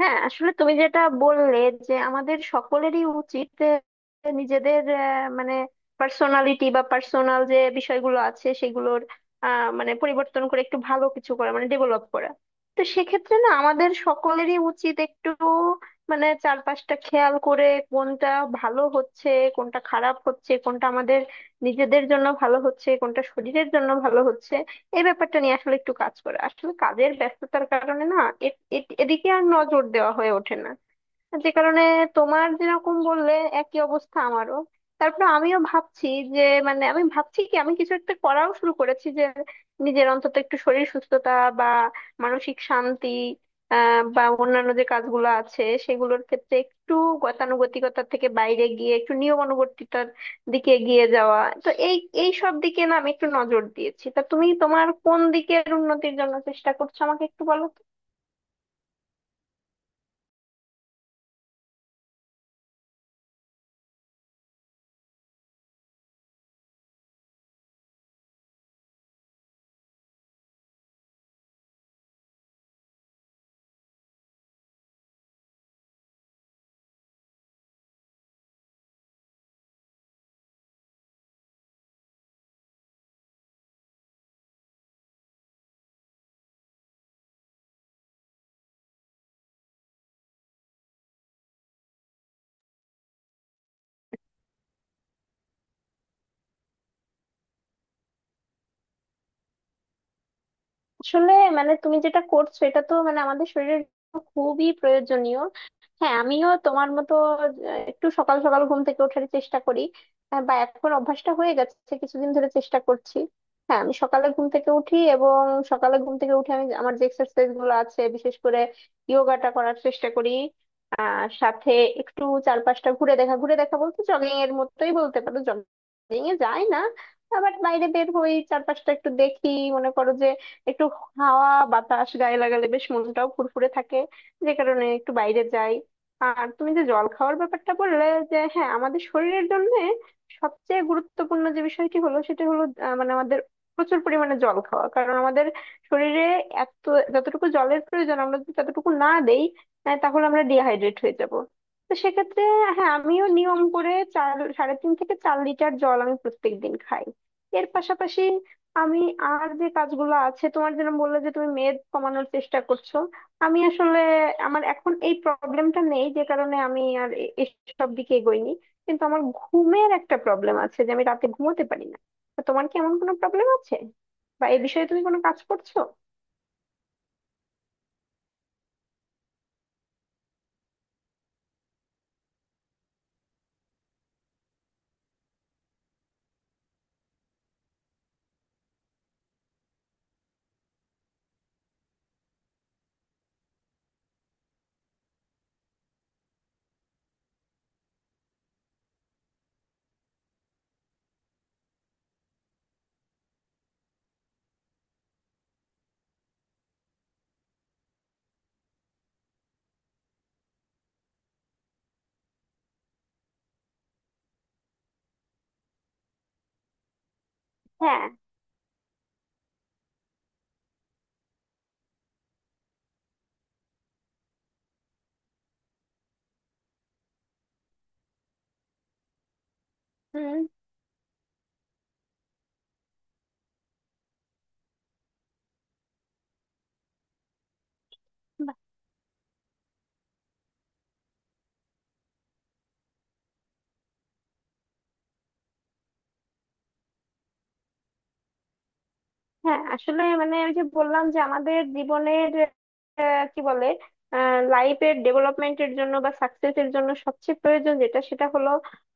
হ্যাঁ আসলে তুমি যেটা বললে যে আমাদের সকলেরই উচিত নিজেদের আহ, মানে পার্সোনালিটি বা পার্সোনাল যে বিষয়গুলো আছে সেগুলোর মানে পরিবর্তন করে একটু ভালো কিছু করা মানে ডেভেলপ করা। তো সেক্ষেত্রে না আমাদের সকলেরই উচিত একটু মানে চারপাশটা খেয়াল করে কোনটা ভালো হচ্ছে, কোনটা খারাপ হচ্ছে, কোনটা আমাদের নিজেদের জন্য ভালো হচ্ছে, কোনটা শরীরের জন্য ভালো হচ্ছে। এই ব্যাপারটা নিয়ে আসলে একটু কাজ করে আসলে কাজের ব্যস্ততার কারণে না এ- এদিকে আর নজর দেওয়া হয়ে ওঠে না, যে কারণে তোমার যেরকম বললে একই অবস্থা আমারও। তারপরে আমিও ভাবছি যে মানে আমি ভাবছি কি আমি কিছু একটা করাও শুরু করেছি যে নিজের অন্তত একটু শরীর সুস্থতা বা মানসিক শান্তি বা অন্যান্য যে কাজগুলো আছে সেগুলোর ক্ষেত্রে একটু গতানুগতিকতার থেকে বাইরে গিয়ে একটু নিয়মানুবর্তিতার দিকে এগিয়ে যাওয়া। তো এই এই সব দিকে না আমি একটু নজর দিয়েছি। তা তুমি তোমার কোন দিকের উন্নতির জন্য চেষ্টা করছো আমাকে একটু বলো তো? আসলে মানে তুমি যেটা করছো এটা তো মানে আমাদের শরীরের জন্য খুবই প্রয়োজনীয়। হ্যাঁ আমিও তোমার মতো আহ, একটু সকাল সকাল ঘুম থেকে ওঠার চেষ্টা করি। বা এখন অভ্যাসটা হয়ে গেছে, কিছুদিন ধরে চেষ্টা করছি। হ্যাঁ আমি সকালে ঘুম থেকে উঠি, এবং সকালে ঘুম থেকে উঠে আমি আমার যে এক্সারসাইজ গুলো আছে বিশেষ করে যোগাটা করার চেষ্টা করি। সাথে একটু চারপাশটা ঘুরে দেখা, ঘুরে দেখা বলতে জগিং এর মতোই বলতে পারো, জগিং এ যাই না, আবার বাইরে বের হই চারপাশটা একটু দেখি। মনে করো যে একটু হাওয়া বাতাস গায়ে লাগালে বেশ মনটাও ফুরফুরে থাকে, যে কারণে একটু বাইরে যাই। আর তুমি যে জল খাওয়ার ব্যাপারটা বললে যে হ্যাঁ আমাদের শরীরের জন্য সবচেয়ে গুরুত্বপূর্ণ যে বিষয়টি হলো সেটা হলো মানে আমাদের প্রচুর পরিমাণে জল খাওয়া, কারণ আমাদের শরীরে এত যতটুকু জলের প্রয়োজন আমরা যদি ততটুকু না দেই তাহলে আমরা ডিহাইড্রেট হয়ে যাব। তো সেক্ষেত্রে হ্যাঁ আমিও নিয়ম করে 3.5 থেকে 4 লিটার জল আমি প্রত্যেক দিন খাই। এর পাশাপাশি আমি আর যে কাজগুলো আছে তোমার যেরকম বললে যে তুমি মেদ কমানোর চেষ্টা করছো, আমি আসলে আমার এখন এই প্রবলেমটা নেই যে কারণে আমি আর এসব দিকে এগোইনি। কিন্তু আমার ঘুমের একটা প্রবলেম আছে যে আমি রাতে ঘুমোতে পারি না। তো তোমার কি এমন কোনো প্রবলেম আছে বা এই বিষয়ে তুমি কোনো কাজ করছো? হ্যাঁ। হুম। হ্যাঁ আসলে মানে আমি যে বললাম যে আমাদের জীবনের কি বলে লাইফের ডেভেলপমেন্টের জন্য বা সাকসেসের জন্য সবচেয়ে প্রয়োজন যেটা সেটা হলো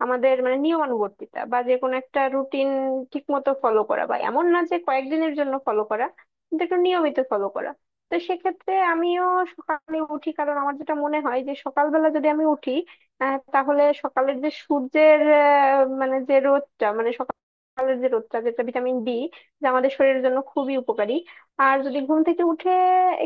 আমাদের মানে নিয়মানুবর্তিতা বা যে কোনো একটা রুটিন ঠিক মতো ফলো করা, বা এমন না যে কয়েকদিনের জন্য ফলো করা কিন্তু একটু নিয়মিত ফলো করা। তো সেক্ষেত্রে আমিও সকালে উঠি, কারণ আমার যেটা মনে হয় যে সকালবেলা যদি আমি উঠি তাহলে সকালের যে সূর্যের মানে যে রোদটা মানে সকালের যে রোদটা যেটা ভিটামিন ডি যা আমাদের শরীরের জন্য খুবই উপকারী। আর যদি ঘুম থেকে উঠে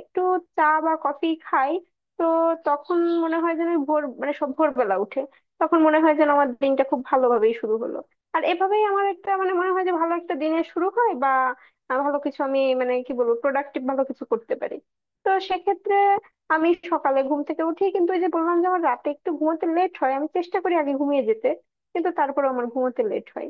একটু চা বা কফি খাই তো তখন মনে হয় যেন ওই ভোর মানে সব ভোরবেলা উঠে তখন মনে হয় যেন আমার দিনটা খুব ভালোভাবেই শুরু হলো। আর এভাবেই আমার একটা মানে মনে হয় যে ভালো একটা দিনের শুরু হয় বা ভালো কিছু আমি মানে কি বলবো প্রোডাক্টিভ ভালো কিছু করতে পারি। তো সেক্ষেত্রে আমি সকালে ঘুম থেকে উঠি কিন্তু ওই যে বললাম যে আমার রাতে একটু ঘুমোতে লেট হয়, আমি চেষ্টা করি আগে ঘুমিয়ে যেতে কিন্তু তারপরে আমার ঘুমোতে লেট হয়।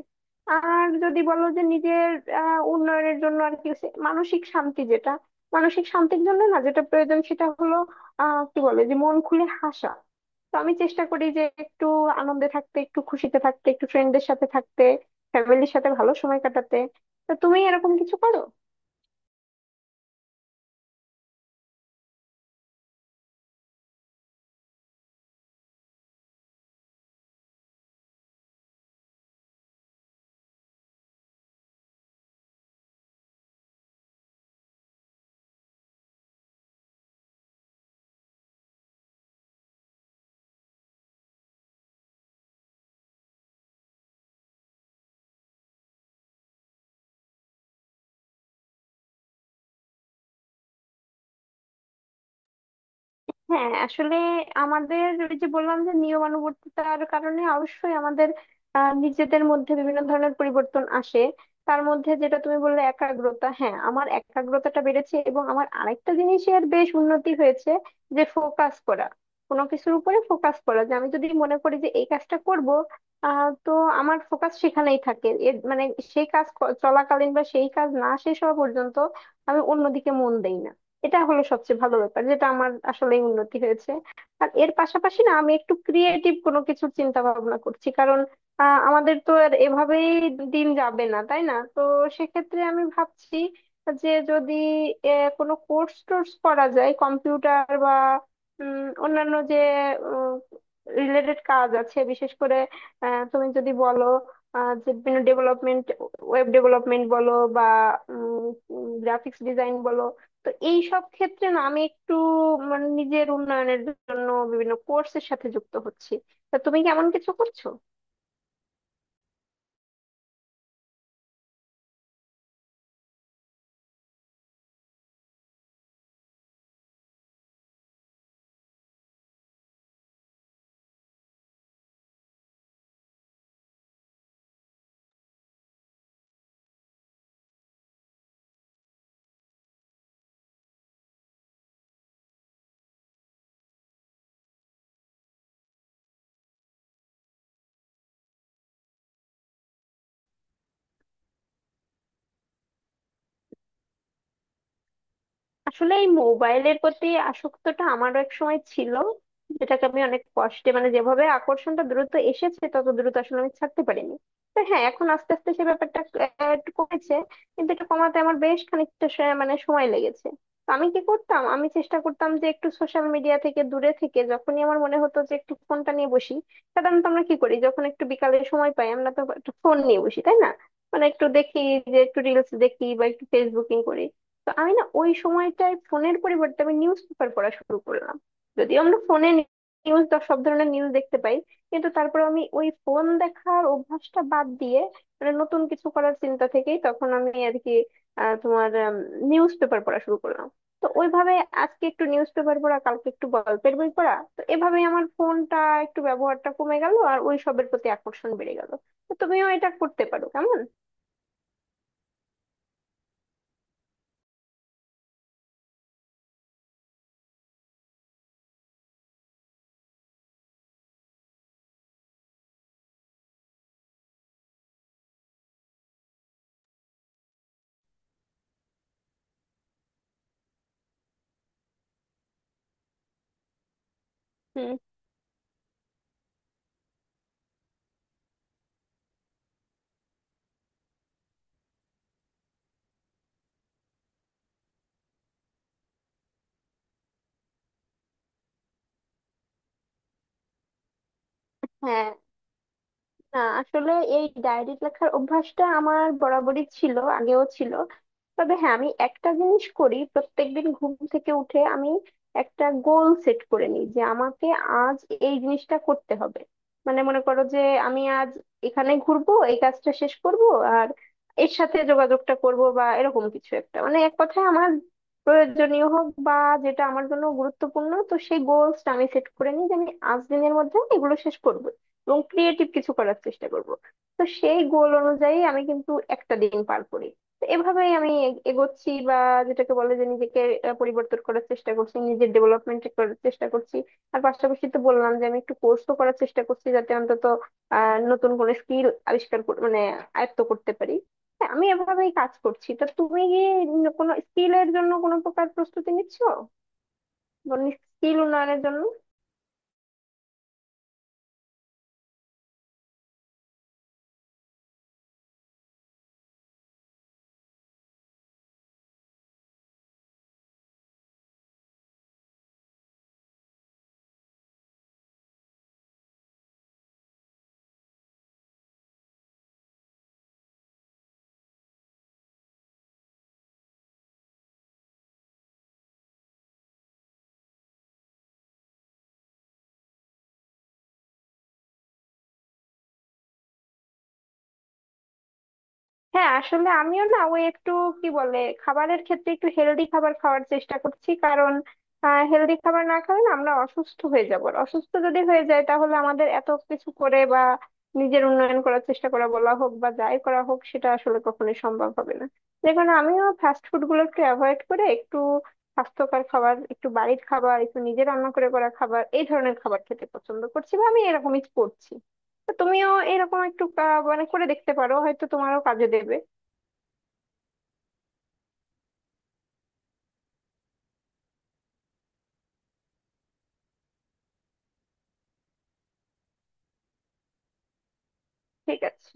আর যদি বলো যে নিজের উন্নয়নের জন্য আর কি মানসিক শান্তি যেটা মানসিক শান্তির জন্য না যেটা প্রয়োজন সেটা হলো কি বলে যে মন খুলে হাসা। তো আমি চেষ্টা করি যে একটু আনন্দে থাকতে, একটু খুশিতে থাকতে, একটু ফ্রেন্ডদের সাথে থাকতে, ফ্যামিলির সাথে ভালো সময় কাটাতে। তো তুমি এরকম কিছু করো? হ্যাঁ আসলে আমাদের ওই যে বললাম যে নিয়মানুবর্তিতার কারণে অবশ্যই আমাদের নিজেদের মধ্যে বিভিন্ন ধরনের পরিবর্তন আসে। তার মধ্যে যেটা তুমি বললে একাগ্রতা, হ্যাঁ আমার একাগ্রতাটা বেড়েছে এবং আমার আরেকটা জিনিসের বেশ উন্নতি হয়েছে, যে ফোকাস করা, কোনো কিছুর উপরে ফোকাস করা যে আমি যদি মনে করি যে এই কাজটা করব তো আমার ফোকাস সেখানেই থাকে। এর মানে সেই কাজ চলাকালীন বা সেই কাজ না শেষ হওয়া পর্যন্ত আমি অন্যদিকে মন দেই না। এটা হলো সবচেয়ে ভালো ব্যাপার যেটা আমার আসলে উন্নতি হয়েছে। আর এর পাশাপাশি না আমি একটু ক্রিয়েটিভ কোনো কিছু চিন্তা ভাবনা করছি, কারণ আমাদের তো আর এভাবেই দিন যাবে না তাই না। তো সেক্ষেত্রে আমি ভাবছি যে যদি কোনো কোর্স টোর্স করা যায়, কম্পিউটার বা উম, অন্যান্য যে রিলেটেড কাজ আছে বিশেষ করে তুমি যদি বলো যে বিভিন্ন ডেভেলপমেন্ট, ওয়েব ডেভেলপমেন্ট বলো বা গ্রাফিক্স ডিজাইন বলো, তো এই সব ক্ষেত্রে না আমি একটু মানে নিজের উন্নয়নের জন্য বিভিন্ন কোর্সের সাথে যুক্ত হচ্ছি। তা তুমি কি এমন কিছু করছো? আসলে এই মোবাইলের প্রতি আসক্তটা আমারও এক সময় ছিল, যেটাকে আমি অনেক কষ্টে মানে যেভাবে আকর্ষণটা দ্রুত এসেছে তত দ্রুত আসলে আমি ছাড়তে পারিনি। তো হ্যাঁ এখন আস্তে আস্তে সে ব্যাপারটা একটু কমেছে, কিন্তু এটা কমাতে আমার বেশ খানিকটা মানে সময় লেগেছে। তো আমি কি করতাম, আমি চেষ্টা করতাম যে একটু সোশ্যাল মিডিয়া থেকে দূরে থেকে, যখনই আমার মনে হতো যে একটু ফোনটা নিয়ে বসি, সাধারণত আমরা কি করি যখন একটু বিকালের সময় পাই আমরা তো একটা ফোন নিয়ে বসি তাই না, মানে একটু দেখি যে একটু রিলস দেখি বা একটু ফেসবুকিং করি। তো আমি না ওই সময়টায় ফোনের পরিবর্তে আমি নিউজ পেপার পড়া শুরু করলাম। যদিও আমরা ফোনে নিউজ সব ধরনের নিউজ দেখতে পাই, কিন্তু তারপর আমি ওই ফোন দেখার অভ্যাসটা বাদ দিয়ে মানে নতুন কিছু করার চিন্তা থেকেই তখন আমি আর কি আহ, তোমার নিউজ পেপার পড়া শুরু করলাম। তো ওইভাবে আজকে একটু নিউজ পেপার পড়া কালকে একটু গল্পের বই পড়া, তো এভাবে আমার ফোনটা একটু ব্যবহারটা কমে গেল আর ওই সবের প্রতি আকর্ষণ বেড়ে গেল। তো তুমিও এটা করতে পারো, কেমন? হুম। হ্যাঁ, না আসলে এই ডায়েরি লেখার অভ্যাসটা আমার বরাবরই ছিল, আগেও ছিল। তবে হ্যাঁ আমি একটা জিনিস করি, প্রত্যেকদিন ঘুম থেকে উঠে আমি একটা গোল সেট করে নিই যে আমাকে আজ এই জিনিসটা করতে হবে। মানে মনে করো যে আমি আজ এখানে ঘুরবো, এই কাজটা শেষ করব, আর এর সাথে যোগাযোগটা করব বা এরকম কিছু একটা, মানে এক কথায় আমার প্রয়োজনীয় হোক বা যেটা আমার জন্য গুরুত্বপূর্ণ। তো সেই গোলসটা আমি সেট করে নিই যে আমি আজ দিনের মধ্যে এগুলো শেষ করব এবং ক্রিয়েটিভ কিছু করার চেষ্টা করব। তো সেই গোল অনুযায়ী আমি কিন্তু একটা দিন পার করি। তো এভাবেই আমি এগোচ্ছি, বা যেটাকে বলে যে নিজেকে পরিবর্তন করার চেষ্টা করছি নিজের ডেভেলপমেন্ট করার চেষ্টা করছি। আর পাশাপাশি তো বললাম যে আমি একটু কোর্সও করার চেষ্টা করছি, যাতে অন্তত নতুন কোনো স্কিল আবিষ্কার মানে আয়ত্ত করতে পারি। হ্যাঁ, আমি এভাবেই কাজ করছি। তা তুমি কি কোনো স্কিলের জন্য কোনো প্রকার প্রস্তুতি নিচ্ছো, স্কিল উন্নয়নের জন্য? হ্যাঁ আসলে আমিও না ওই একটু কি বলে খাবারের ক্ষেত্রে একটু হেলদি খাবার খাওয়ার চেষ্টা করছি, কারণ হেলদি খাবার না খেলে না আমরা অসুস্থ হয়ে যাব, আর অসুস্থ যদি হয়ে যায় তাহলে আমাদের এত কিছু করে বা নিজের উন্নয়ন করার চেষ্টা করা বলা হোক বা যাই করা হোক সেটা আসলে কখনোই সম্ভব হবে না। যে কারণে আমিও ফাস্ট ফুড গুলো একটু অ্যাভয়েড করে একটু স্বাস্থ্যকর খাবার, একটু বাড়ির খাবার, একটু নিজে রান্না করে করা খাবার এই ধরনের খাবার খেতে পছন্দ করছি বা আমি এরকমই করছি। তো তুমিও এরকম একটু মানে করে দেখতে পারো, হয়তো তোমারও কাজে দেবে। ঠিক আছে।